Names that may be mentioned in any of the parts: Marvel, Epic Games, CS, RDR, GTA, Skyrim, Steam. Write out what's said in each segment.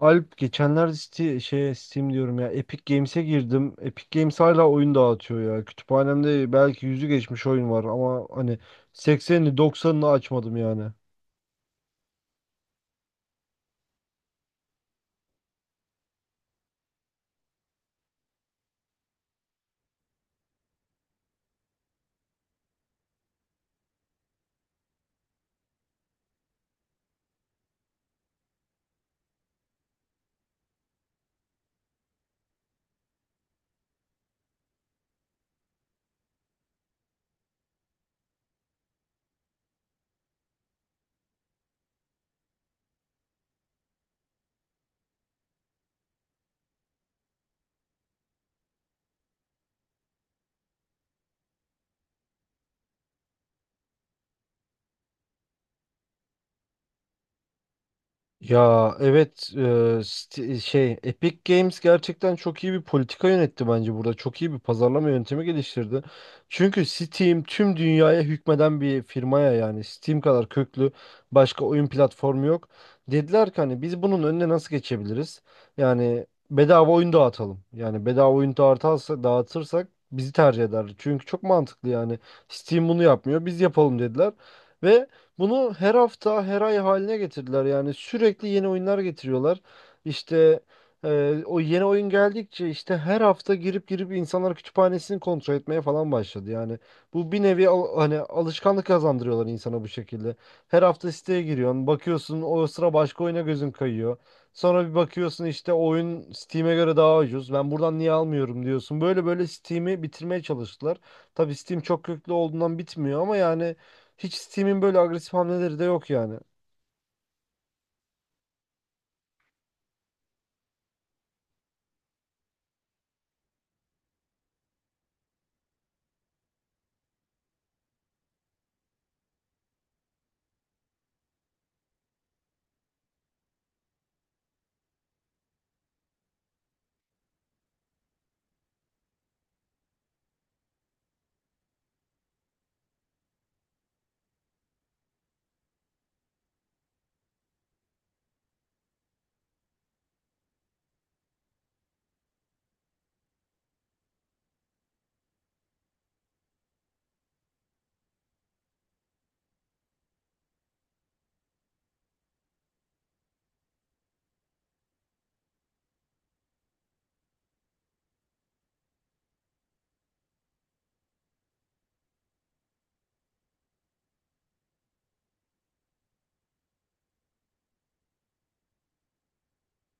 Alp, geçenlerde Steam, şey, Steam diyorum ya, Epic Games'e girdim. Epic Games hala oyun dağıtıyor ya. Kütüphanemde belki yüzü geçmiş oyun var ama hani 80'ini 90'ını açmadım yani. Ya, evet, şey, Epic Games gerçekten çok iyi bir politika yönetti bence burada. Çok iyi bir pazarlama yöntemi geliştirdi. Çünkü Steam tüm dünyaya hükmeden bir firmaya, yani Steam kadar köklü başka oyun platformu yok. Dediler ki hani biz bunun önüne nasıl geçebiliriz? Yani bedava oyun dağıtalım. Yani bedava oyun dağıtırsak bizi tercih eder. Çünkü çok mantıklı yani. Steam bunu yapmıyor. Biz yapalım dediler. Ve bunu her hafta, her ay haline getirdiler. Yani sürekli yeni oyunlar getiriyorlar. İşte o yeni oyun geldikçe, işte her hafta girip girip insanlar kütüphanesini kontrol etmeye falan başladı. Yani bu bir nevi hani alışkanlık kazandırıyorlar insana bu şekilde. Her hafta siteye giriyorsun, bakıyorsun o sıra başka oyuna gözün kayıyor. Sonra bir bakıyorsun işte oyun Steam'e göre daha ucuz. Ben buradan niye almıyorum diyorsun. Böyle böyle Steam'i bitirmeye çalıştılar. Tabii Steam çok köklü olduğundan bitmiyor ama yani hiç Steam'in böyle agresif hamleleri de yok yani.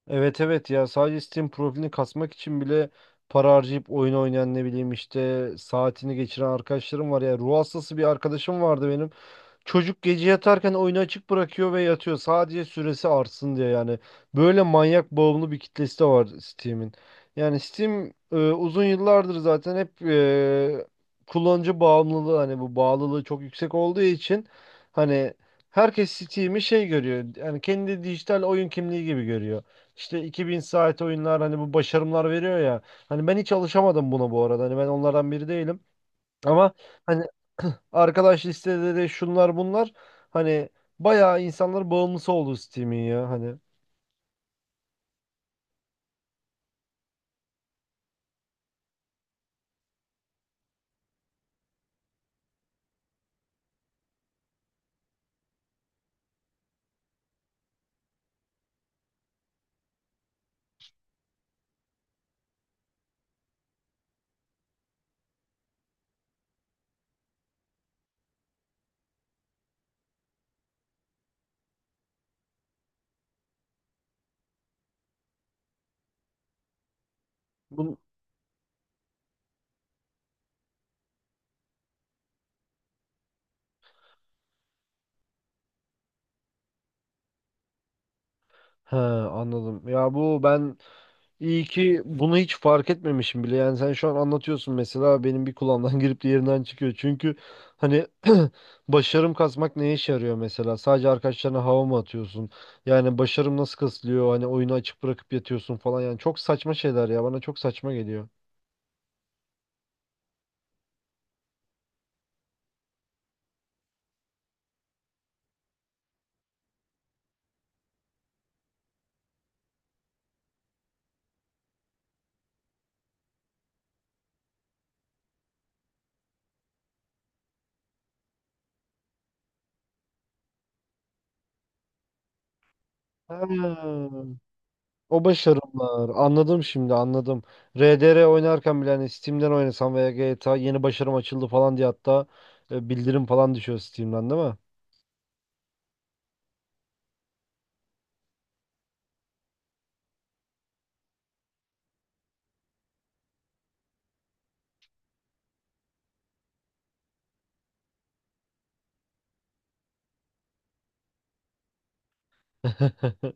Evet, evet, ya sadece Steam profilini kasmak için bile para harcayıp oyun oynayan, ne bileyim işte, saatini geçiren arkadaşlarım var ya. Ruh hastası bir arkadaşım vardı benim. Çocuk gece yatarken oyunu açık bırakıyor ve yatıyor. Sadece süresi artsın diye yani. Böyle manyak bağımlı bir kitlesi de var Steam'in. Yani Steam, uzun yıllardır zaten hep, kullanıcı bağımlılığı hani bu bağlılığı çok yüksek olduğu için hani herkes Steam'i şey görüyor. Yani kendi dijital oyun kimliği gibi görüyor. İşte 2000 saat oyunlar hani bu başarımlar veriyor ya. Hani ben hiç alışamadım buna bu arada. Hani ben onlardan biri değilim. Ama hani arkadaş listeleri, şunlar bunlar, hani bayağı insanlar bağımlısı oldu Steam'in ya hani. Bun... He, anladım. Ya, bu ben, iyi ki bunu hiç fark etmemişim bile. Yani sen şu an anlatıyorsun mesela, benim bir kulağımdan girip diğerinden çıkıyor. Çünkü hani başarım kasmak neye işe yarıyor mesela? Sadece arkadaşlarına hava mı atıyorsun? Yani başarım nasıl kasılıyor? Hani oyunu açık bırakıp yatıyorsun falan. Yani çok saçma şeyler ya. Bana çok saçma geliyor. Ha. O başarımlar. Anladım, şimdi anladım. RDR oynarken bile hani Steam'den oynasam veya GTA yeni başarım açıldı falan diye, hatta bildirim falan düşüyor Steam'den, değil mi?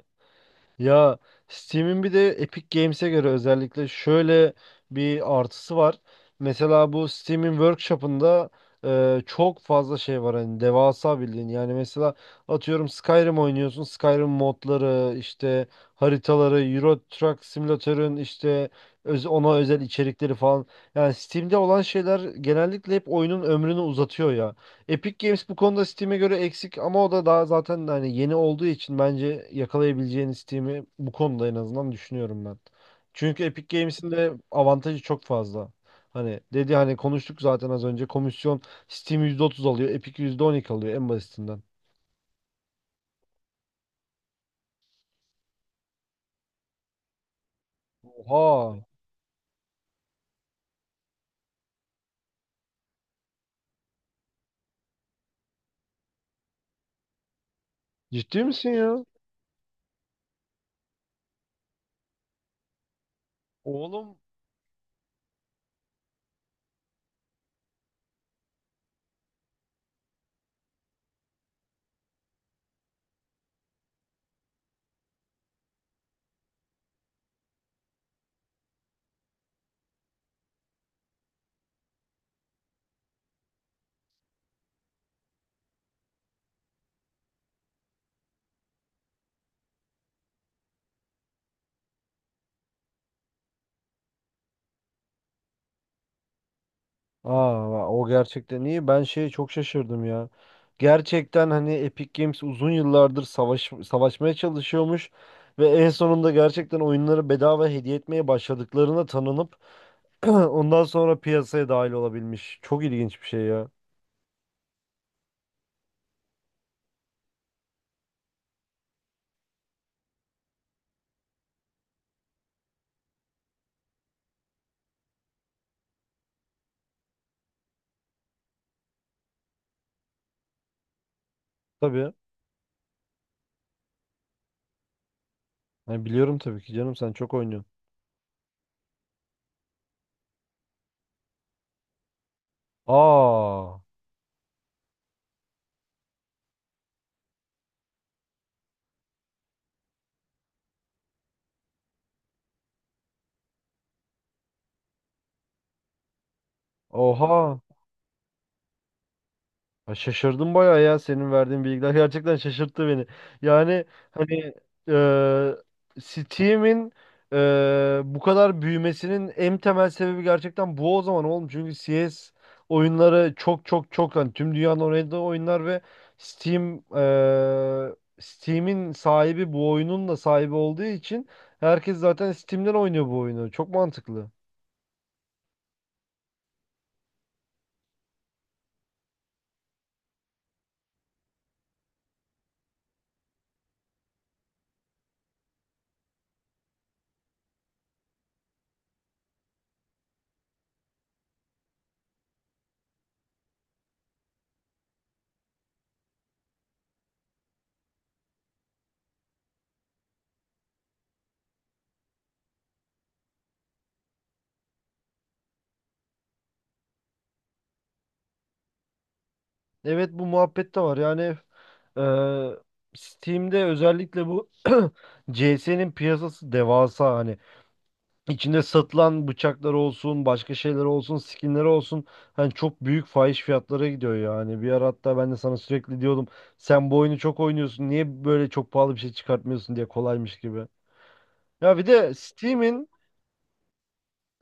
Ya, Steam'in bir de Epic Games'e göre özellikle şöyle bir artısı var. Mesela bu Steam'in workshop'ında çok fazla şey var, hani devasa bildiğin. Yani mesela atıyorum Skyrim oynuyorsun. Skyrim modları, işte haritaları, Euro Truck Simulator'ın işte ona özel içerikleri falan. Yani Steam'de olan şeyler genellikle hep oyunun ömrünü uzatıyor ya. Epic Games bu konuda Steam'e göre eksik ama o da daha zaten hani yeni olduğu için bence yakalayabileceğini Steam'i bu konuda, en azından, düşünüyorum ben. Çünkü Epic Games'in de avantajı çok fazla. Hani dedi hani konuştuk zaten az önce komisyon, Steam %30 alıyor, Epic %12 alıyor en basitinden. Oha, ciddi misin ya? Oğlum. Aa, o gerçekten iyi. Ben şeye çok şaşırdım ya. Gerçekten hani Epic Games uzun yıllardır savaşmaya çalışıyormuş ve en sonunda gerçekten oyunları bedava hediye etmeye başladıklarına tanınıp ondan sonra piyasaya dahil olabilmiş. Çok ilginç bir şey ya. Tabii. Hani biliyorum tabii ki canım, sen çok oynuyorsun. Aa, oha. Ha, şaşırdım bayağı ya, senin verdiğin bilgiler gerçekten şaşırttı beni. Yani hani, Steam'in, e, bu kadar büyümesinin en temel sebebi gerçekten bu o zaman oğlum. Çünkü CS oyunları çok çok çok hani tüm dünyanın oynadığı oyunlar ve Steam, Steam'in sahibi bu oyunun da sahibi olduğu için herkes zaten Steam'den oynuyor bu oyunu. Çok mantıklı. Evet, bu muhabbet de var. Yani eee, Steam'de özellikle bu CS'nin piyasası devasa, hani içinde satılan bıçaklar olsun, başka şeyler olsun, skinler olsun. Hani çok büyük fahiş fiyatlara gidiyor yani. Bir ara hatta ben de sana sürekli diyordum, sen bu oyunu çok oynuyorsun, niye böyle çok pahalı bir şey çıkartmıyorsun diye, kolaymış gibi. Ya bir de Steam'in,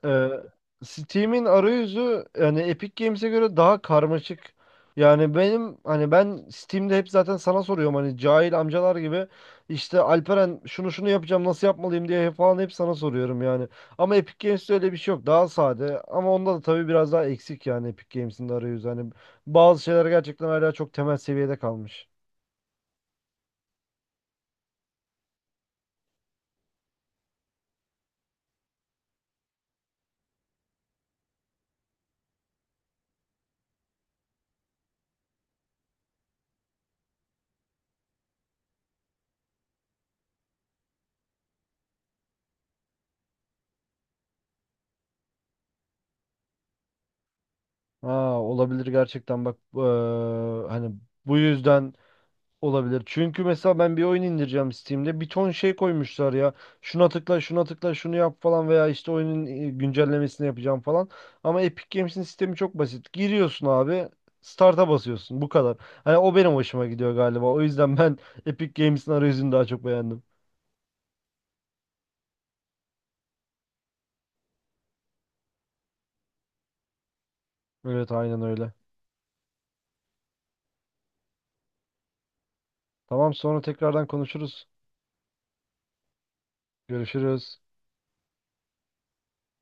ee, Steam'in arayüzü yani Epic Games'e göre daha karmaşık. Yani benim hani ben Steam'de hep zaten sana soruyorum hani cahil amcalar gibi, işte, Alperen şunu şunu yapacağım nasıl yapmalıyım diye falan hep sana soruyorum yani. Ama Epic Games'te öyle bir şey yok. Daha sade ama onda da tabii biraz daha eksik yani Epic Games'in de arayüzü. Hani bazı şeyler gerçekten hala çok temel seviyede kalmış. Ha, olabilir gerçekten, bak, hani bu yüzden, olabilir. Çünkü mesela ben bir oyun indireceğim Steam'de. Bir ton şey koymuşlar ya. Şuna tıkla, şuna tıkla, şunu yap falan, veya işte oyunun güncellemesini yapacağım falan. Ama Epic Games'in sistemi çok basit. Giriyorsun abi, start'a basıyorsun. Bu kadar. Hani o benim hoşuma gidiyor galiba. O yüzden ben Epic Games'in arayüzünü daha çok beğendim. Evet, aynen öyle. Tamam, sonra tekrardan konuşuruz. Görüşürüz.